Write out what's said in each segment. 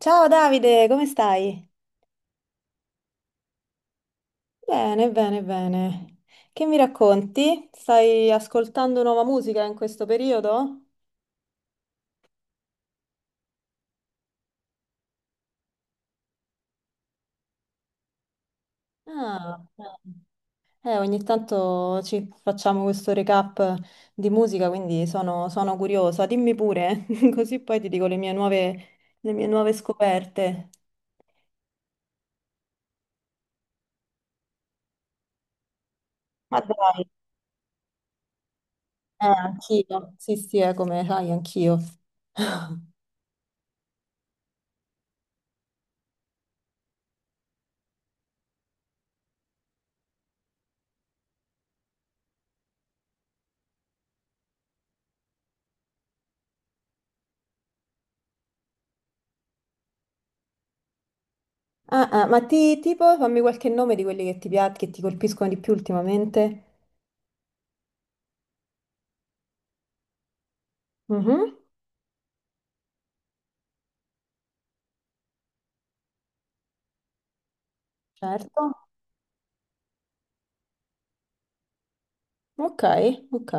Ciao Davide, come stai? Bene, bene, bene. Che mi racconti? Stai ascoltando nuova musica in questo periodo? Ah, ogni tanto ci facciamo questo recap di musica, quindi sono curiosa. Dimmi pure, così poi ti dico le mie nuove scoperte. Ma dai, anch'io. Sì, sì, è come sai, anch'io. Ah, ah, ma tipo, fammi qualche nome di quelli che che ti colpiscono di più ultimamente. Mhm. Certo. Ok, ok.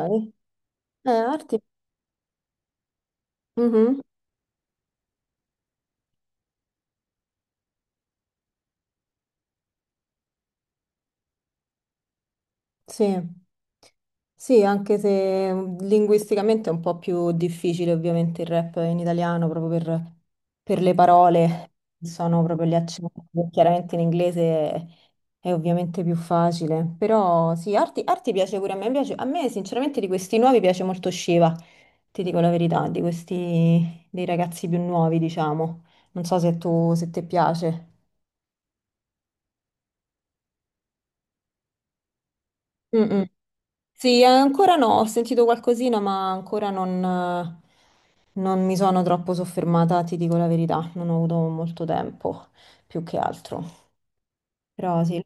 Arti. Mhm. Sì. Sì, anche se linguisticamente è un po' più difficile, ovviamente il rap in italiano, proprio per le parole, sono proprio gli accenti, chiaramente in inglese è, è ovviamente più facile, però sì, arti, arti piace pure a me, piace, a me sinceramente di questi nuovi piace molto Shiva, ti dico la verità, di questi dei ragazzi più nuovi diciamo, non so se ti piace. Mm, mm. Sì, ancora no, ho sentito qualcosina, ma ancora non mi sono troppo soffermata, ti dico la verità, non ho avuto molto tempo, più che altro. Però sì.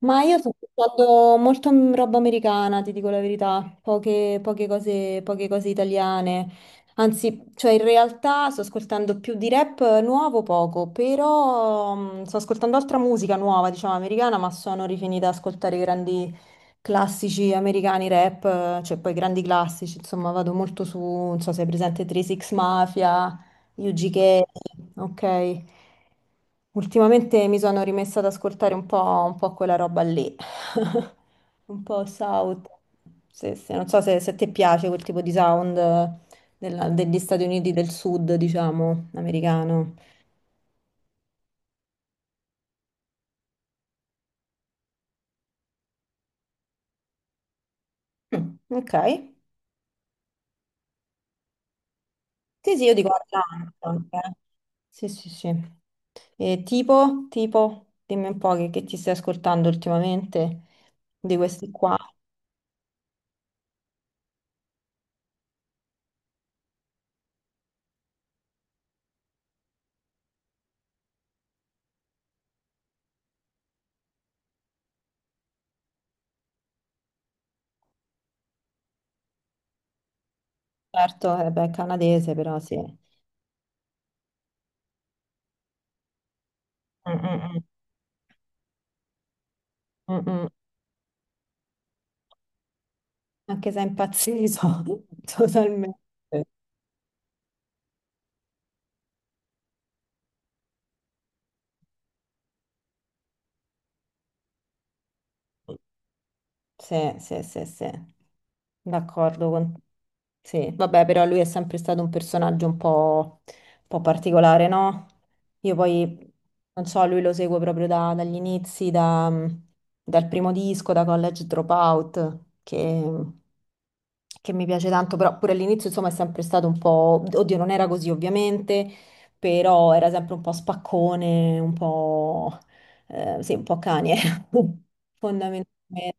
Ma io sto ascoltando molto roba americana, ti dico la verità, poche cose, poche cose italiane. Anzi, cioè in realtà sto ascoltando più di rap nuovo poco, però sto ascoltando altra musica nuova, diciamo americana, ma sono rifinita ad ascoltare i grandi classici americani rap, cioè poi grandi classici, insomma vado molto su, non so se è presente 3 Six Mafia, Yuji Gay, ok. Ultimamente mi sono rimessa ad ascoltare un po' quella roba lì, un po' South. Sì, sì, non so se ti piace quel tipo di sound degli Stati Uniti del Sud, diciamo, americano. Mm, ok. Sì, sì, io dico Atlanta anche, eh. Sì, sì, sì. E dimmi un po' che ti stai ascoltando ultimamente di questi qua. Certo, beh, canadese, però sì. Mm, mm, mm. Mm, mm. Anche se è impazzito totalmente. Sì, sì, sì, sì, d'accordo con... Sì, vabbè, però lui è sempre stato un personaggio un po' particolare, no? Io poi, non so, lui lo seguo proprio dagli inizi, dal primo disco, da College Dropout, che mi piace tanto, però pure all'inizio, insomma, è sempre stato un po'... Oddio, non era così, ovviamente, però era sempre un po' spaccone, un po'... Eh, sì, un po' Kanye, fondamentalmente.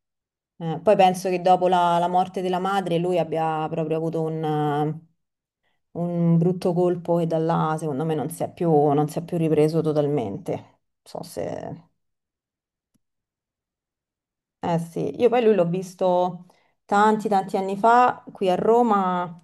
Poi penso che dopo la morte della madre lui abbia proprio avuto un brutto colpo, e da là secondo me non si è più ripreso totalmente. Non so se... Eh sì, io poi lui l'ho visto tanti tanti anni fa qui a Roma,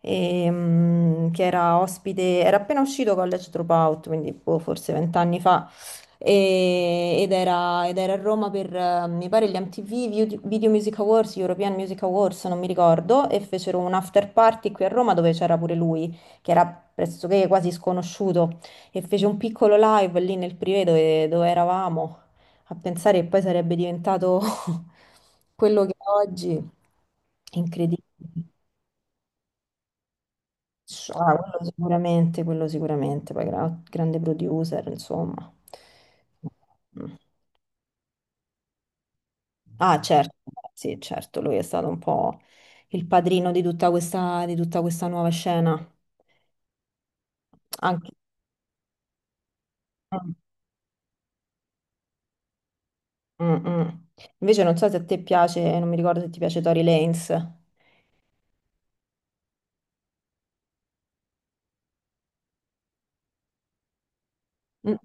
che era ospite, era appena uscito College Dropout, quindi boh, forse vent'anni fa, ed era a Roma per, mi pare, gli MTV Video Music Awards, European Music Awards, non mi ricordo, e fecero un after party qui a Roma dove c'era pure lui, che era pressoché quasi sconosciuto, e fece un piccolo live lì nel privé dove eravamo. A pensare che poi sarebbe diventato quello che è oggi, incredibile. Cioè, ah, quello sicuramente, poi grande producer, insomma. Mm. Ah, certo, sì, certo, lui è stato un po' il padrino di tutta questa nuova scena. Anche... Mm, mm. Mm. Invece non so se a te piace, non mi ricordo se ti piace Tory Lanez. Mm.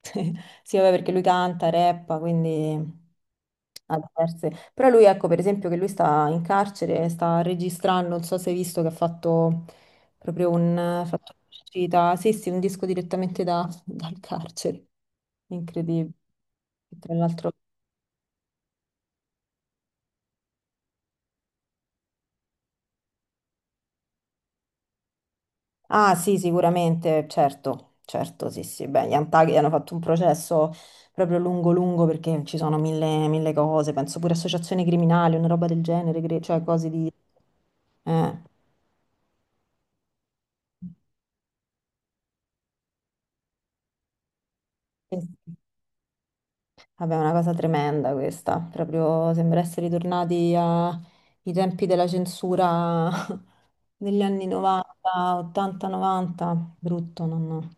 Sì, vabbè, perché lui canta, rappa, quindi ha diverse. Però lui, ecco, per esempio, che lui sta in carcere, sta registrando, non so se hai visto che ha fatto un'uscita, sì, sì, un disco direttamente dal carcere. Incredibile. Tra l'altro... Ah sì, sicuramente, certo, certo, sì, sì. Beh, gli Antaghi hanno fatto un processo proprio lungo, lungo perché ci sono mille, mille cose, penso pure associazioni criminali, una roba del genere, cioè cose di... Eh. Sì, sì. Vabbè, è una cosa tremenda questa, proprio sembra essere ritornati ai tempi della censura degli anni 90, 80, 90, brutto, non...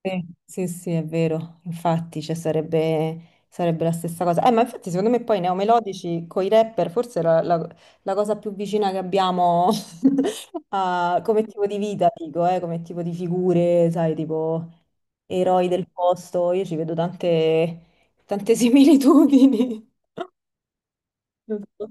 Sì, sì, sì, è vero, infatti, cioè, sarebbe la stessa cosa. Ma infatti secondo me poi neomelodici con i rapper forse è la cosa più vicina che abbiamo come tipo di vita, dico, come tipo di figure, sai, tipo eroi del posto, io ci vedo tante, tante similitudini. Non so.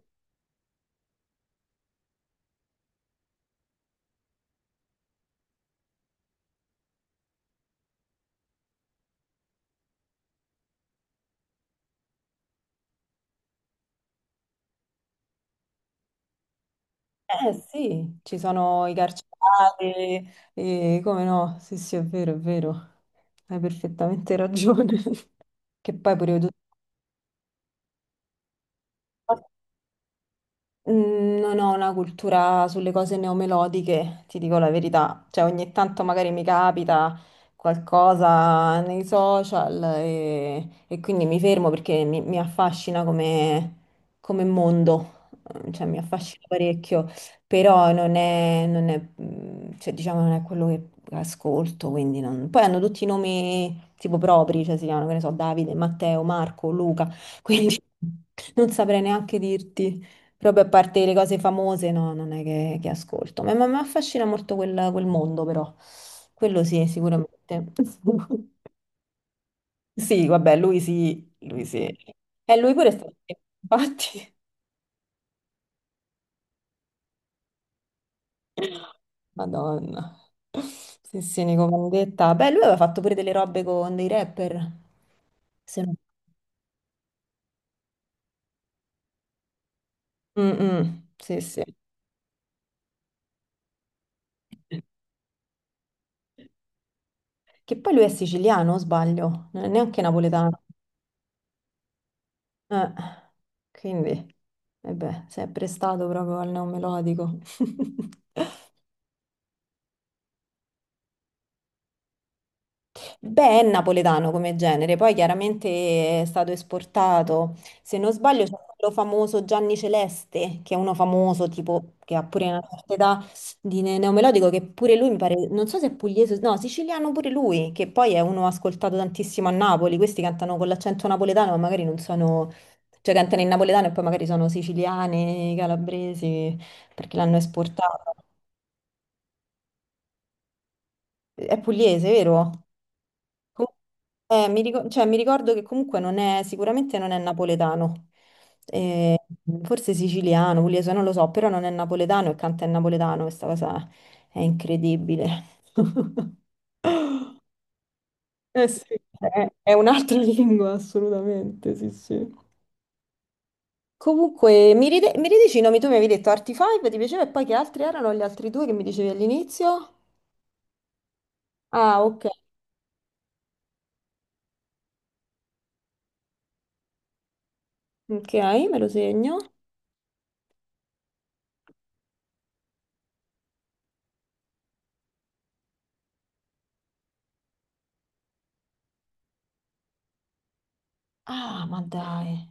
Eh sì, ci sono i carcerati, e come no, sì, sì, è vero, hai perfettamente ragione. Che poi pure io. Non ho una cultura sulle cose neomelodiche, ti dico la verità. Cioè, ogni tanto magari mi capita qualcosa nei social e quindi mi fermo perché mi affascina come mondo, mm, cioè mi affascina parecchio, però non è, cioè, diciamo, non è quello che ascolto, quindi poi hanno tutti i nomi tipo propri, cioè si chiamano, che ne so, Davide, Matteo, Marco, Luca, quindi non saprei neanche dirti. Proprio a parte le cose famose, no, non è che ascolto. Ma mi affascina molto quel mondo, però. Quello sì, sicuramente. Sì, vabbè, lui sì, lui sì. E lui pure è stato... Infatti... Madonna. Sì, sì, Nico Vandetta. Beh, lui aveva fatto pure delle robe con dei rapper. Se non- Mm, mm, sì, sì. Che poi lui è siciliano, o sbaglio? Non è neanche napoletano. Eh, quindi, eh beh, si è prestato proprio al neomelodico. Beh, è napoletano come genere, poi chiaramente è stato esportato. Se non sbaglio, c'è quello famoso Gianni Celeste, che è uno famoso, tipo, che ha pure una certa età di neomelodico, che pure lui mi pare, non so se è pugliese, no, siciliano pure lui, che poi è uno ascoltato tantissimo a Napoli. Questi cantano con l'accento napoletano, ma magari non sono, cioè cantano in napoletano e poi magari sono siciliani, calabresi, perché l'hanno esportato. È pugliese, vero? Cioè, mi ricordo che comunque non è, sicuramente non è napoletano, Eh, forse siciliano, pugliese, non lo so, però non è napoletano e canta in napoletano, questa cosa è incredibile. Eh sì, è un'altra lingua, assolutamente, sì, sì. Comunque, mi ridici i nomi, tu mi avevi detto Artifive, ti piaceva, e poi che altri erano gli altri due che mi dicevi all'inizio? Ah, ok, ok, me lo segno. Ah, ma dai,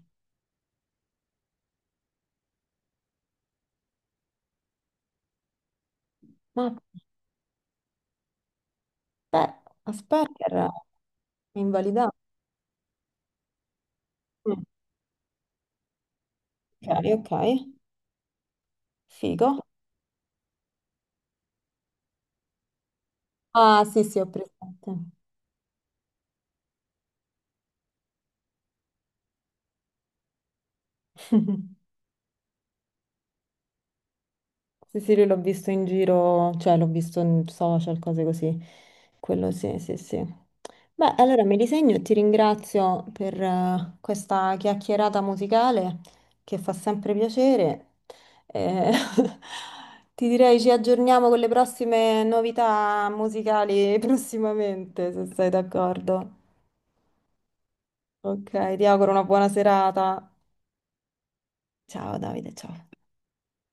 ma aspetta, era invalidato. Ok, ok, figo. Ah, sì, sì, ho presente. Sì, sì, lui l'ho visto in giro, cioè l'ho visto in social, cose così. Quello sì, sì, sì. Beh, allora mi disegno e ti ringrazio per questa chiacchierata musicale che fa sempre piacere. Eh, ti direi ci aggiorniamo con le prossime novità musicali prossimamente, se sei d'accordo. Ok, ti auguro una buona serata. Ciao Davide, ciao.